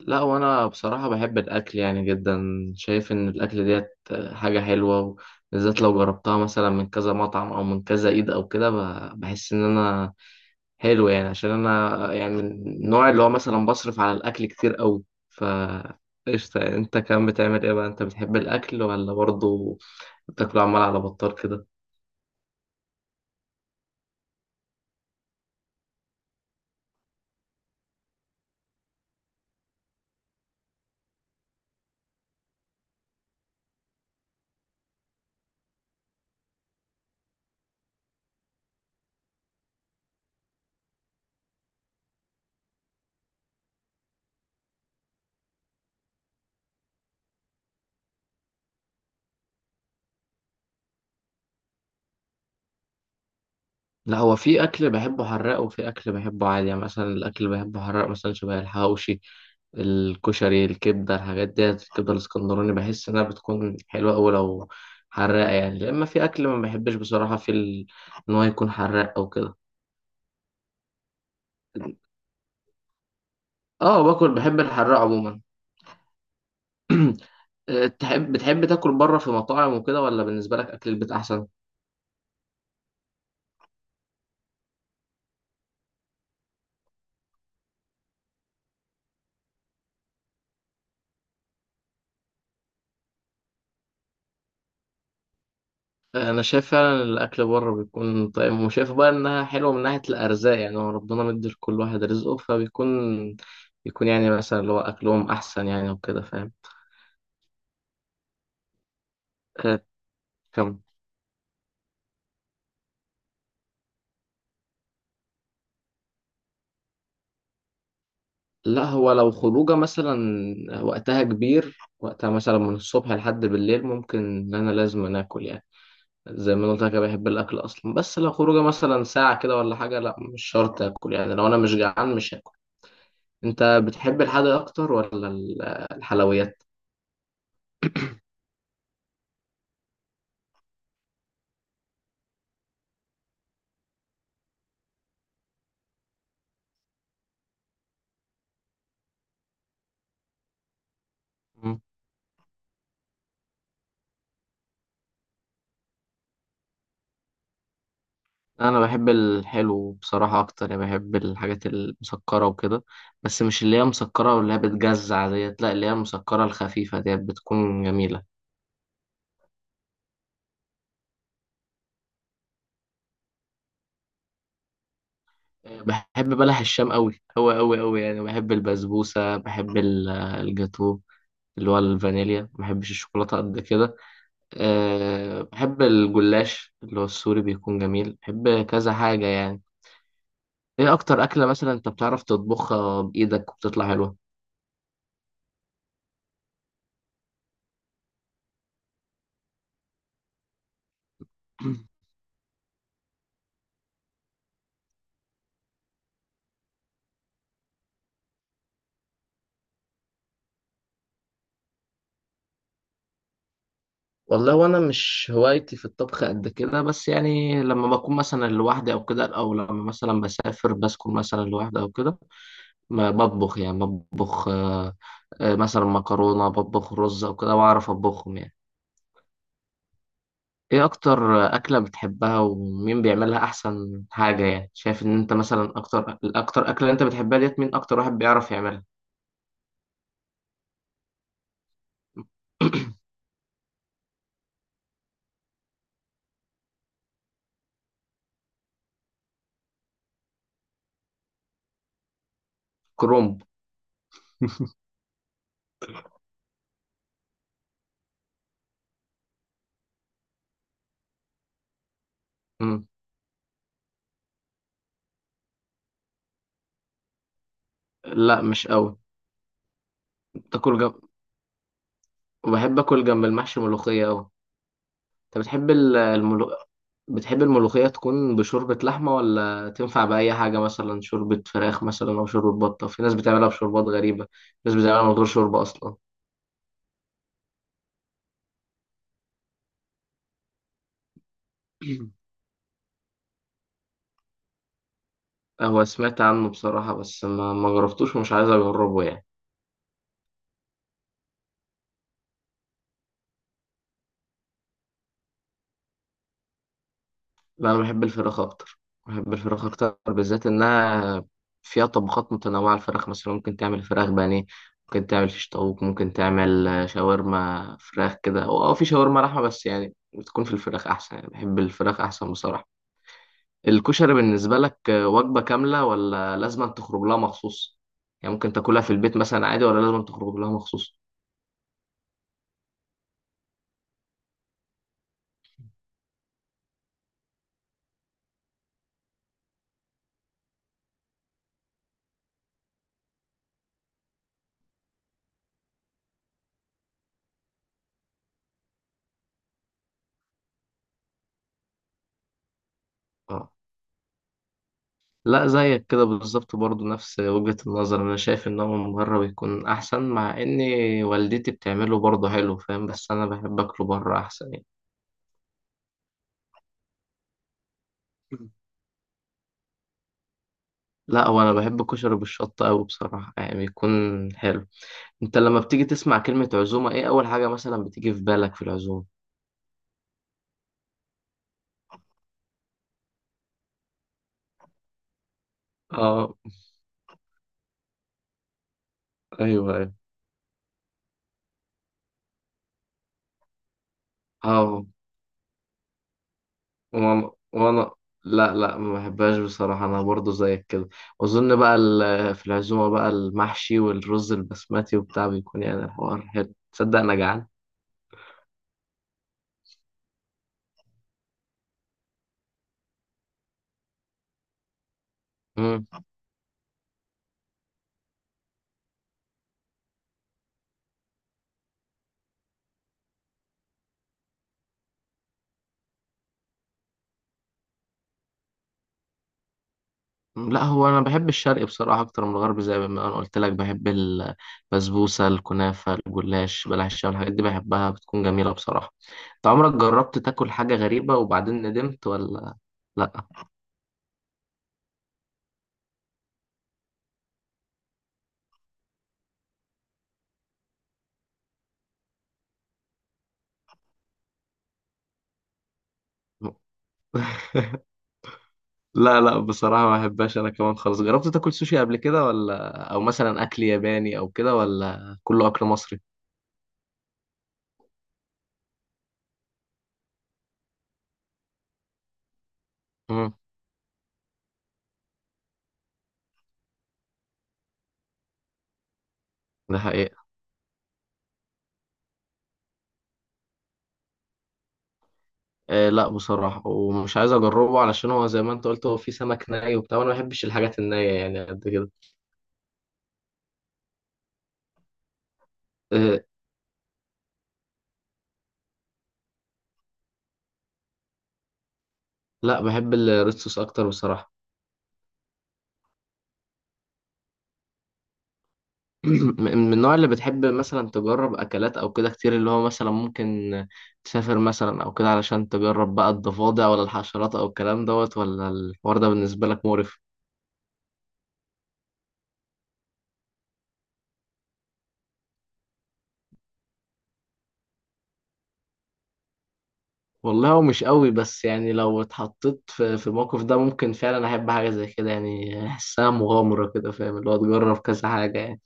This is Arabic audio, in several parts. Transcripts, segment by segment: لا وانا بصراحة بحب الاكل يعني جدا. شايف ان الاكل ديت حاجة حلوة، بالذات لو جربتها مثلا من كذا مطعم او من كذا ايد او كده. بحس ان انا حلو يعني، عشان انا يعني من النوع اللي هو مثلا بصرف على الاكل كتير قوي. ف قشطة يعني. انت كمان بتعمل ايه بقى؟ انت بتحب الاكل، ولا برضه بتاكله عمال على بطال كده؟ لا، هو في اكل بحبه حراق وفي اكل بحبه عادي. يعني مثلا الاكل اللي بحبه حراق مثلا شبه الحواوشي، الكشري، الكبدة، الحاجات ديت. الكبدة الاسكندراني بحس إنها بتكون حلوة أوي لو حراقة يعني، لأما في أكل ما بحبش بصراحة إن هو يكون حراق أو كده. اه، باكل، بحب الحراق عموما. آه، تحب بتحب تاكل بره في مطاعم وكده، ولا بالنسبه لك اكل البيت احسن؟ انا شايف فعلا الاكل بره بيكون طيب، وشايف بقى انها حلوه من ناحيه الارزاق. يعني هو ربنا مدي لكل واحد رزقه، فبيكون بيكون يعني مثلا اللي هو اكلهم احسن يعني وكده فاهم. آه، كمل. لا، هو لو خروجه مثلا وقتها كبير، وقتها مثلا من الصبح لحد بالليل، ممكن ان انا لازم أنا اكل يعني. زي ما قلت لك أنا بحب الاكل اصلا. بس لو خروجه مثلا ساعه كده ولا حاجه، لا مش شرط اكل يعني. لو انا مش جعان مش هاكل. انت بتحب الحادق اكتر ولا الحلويات؟ مم. انا بحب الحلو بصراحه اكتر يعني، بحب الحاجات المسكره وكده. بس مش اللي هي مسكره واللي هي بتجزع ديت، لا اللي هي المسكره الخفيفه ديت بتكون جميله. بحب بلح الشام قوي قوي قوي قوي يعني، بحب البسبوسة، بحب الجاتو اللي هو الفانيليا. ما بحبش الشوكولاتة قد كده. أه بحب الجلاش اللي هو السوري بيكون جميل. بحب كذا حاجة يعني. ايه اكتر اكلة مثلا انت بتعرف تطبخها بايدك وبتطلع حلوة؟ والله، وانا مش هوايتي في الطبخ قد كده، بس يعني لما بكون مثلا لوحدي او كده، او لما مثلا بسافر بسكن مثلا لوحدي او كده، ما بطبخ يعني. بطبخ مثلا مكرونة، بطبخ رز أو كده، وأعرف أطبخهم يعني. إيه أكتر أكلة بتحبها، ومين بيعملها أحسن حاجة؟ يعني شايف إن أنت مثلا الأكتر أكلة أنت بتحبها ديت، مين أكتر واحد بيعرف يعملها؟ كرومب. مم. لا، مش قوي. تاكل جنب، وبحب آكل جنب المحشي ملوخية أوي. انت بتحب بتحب الملوخية تكون بشوربة لحمة، ولا تنفع بأي حاجة؟ مثلا شوربة فراخ مثلا أو شوربة بطة؟ في ناس بتعملها بشوربات غريبة، في ناس بتعملها من غير شوربة أصلا. هو سمعت عنه بصراحة، بس ما جربتوش ومش عايز أجربه يعني. لا انا بحب الفراخ اكتر. بحب الفراخ اكتر بالذات انها فيها طبخات متنوعه. الفراخ مثلا ممكن تعمل فراخ بانيه، ممكن تعمل فيش طاووق، ممكن تعمل شاورما فراخ كده، او في شاورما لحمه، بس يعني بتكون في الفراخ احسن يعني. بحب الفراخ احسن بصراحه. الكشري بالنسبه لك وجبه كامله، ولا لازم تخرج لها مخصوص؟ يعني ممكن تاكلها في البيت مثلا عادي، ولا لازم تخرج لها مخصوص؟ اه، لا زيك كده بالظبط برضو نفس وجهة النظر. انا شايف ان هو من بره بيكون احسن، مع ان والدتي بتعمله برضه حلو فاهم، بس انا بحب اكله بره احسن يعني. مم. لا، وانا بحب كشري بالشطة قوي بصراحة يعني بيكون حلو. انت لما بتيجي تسمع كلمة عزومة، ايه اول حاجة مثلا بتيجي في بالك في العزومة؟ اه، ايوه ايوه. اه، وانا لا لا ما بحبهاش بصراحة. انا برضو زيك كده. واظن بقى في العزومة بقى المحشي والرز البسمتي وبتاع، بيكون يعني الحوار حلو. تصدق انا جعان؟ مم. لا هو انا بحب الشرقي بصراحة اكتر من الغربي، زي ما انا قلت لك بحب البسبوسة، الكنافة، الجلاش، بلح الشام، الحاجات دي بحبها بتكون جميلة بصراحة. انت عمرك جربت تاكل حاجة غريبة وبعدين ندمت ولا؟ لا لا لا بصراحة ما بحبهاش. أنا كمان خالص. جربت تاكل سوشي قبل كده ولا، أو مثلا أكل ياباني أو كده، ولا كله أكل مصري؟ امم. ده حقيقة. لا بصراحة، ومش عايز أجربه علشان هو زي ما أنت قلت، هو فيه سمك ني وبتاع، وأنا ما بحبش الحاجات النية يعني قد كده. آه لا بحب الريد صوص أكتر بصراحة. من النوع اللي بتحب مثلا تجرب أكلات أو كده كتير، اللي هو مثلا ممكن تسافر مثلا أو كده علشان تجرب بقى الضفادع ولا الحشرات أو الكلام دوت، ولا الحوار ده بالنسبة لك مقرف؟ والله هو مش قوي، بس يعني لو اتحطيت في الموقف ده ممكن فعلا احب حاجه زي كده يعني، احسها مغامره كده فاهم، اللي هو تجرب كذا حاجه يعني.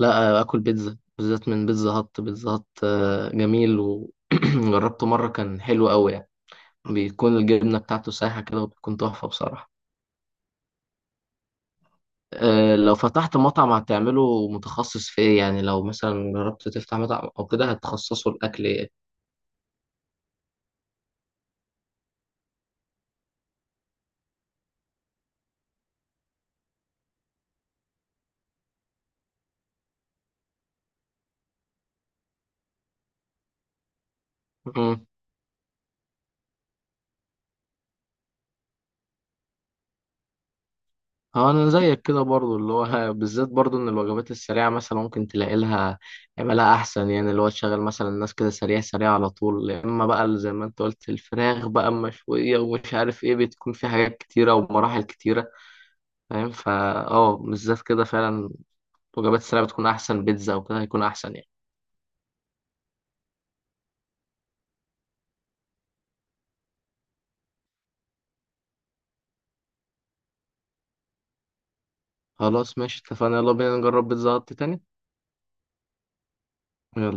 لا، اكل بيتزا بالذات من بيتزا هات. بيتزا هات جميل. وجربته مره كان حلو قوي يعني. بيكون الجبنه بتاعته سايحه كده وبتكون تحفه بصراحه. لو فتحت مطعم هتعمله متخصص في ايه؟ يعني لو مثلا جربت تفتح مطعم او كده، هتخصصه الاكل ايه؟ اه، انا زيك كده برضو اللي هو بالذات برضو ان الوجبات السريعه مثلا ممكن تلاقي لها عملها احسن يعني، اللي هو تشغل مثلا الناس كده سريع سريع على طول. يا اما بقى اللي زي ما انت قلت الفراخ بقى مشويه ومش عارف ايه، بتكون في حاجات كتيره ومراحل كتيره فاهم. اه بالذات كده فعلا. الوجبات السريعه بتكون احسن. بيتزا او كده هيكون احسن يعني. خلاص ماشي اتفقنا، يلا بينا نجرب بيتزا هت تاني. يلا.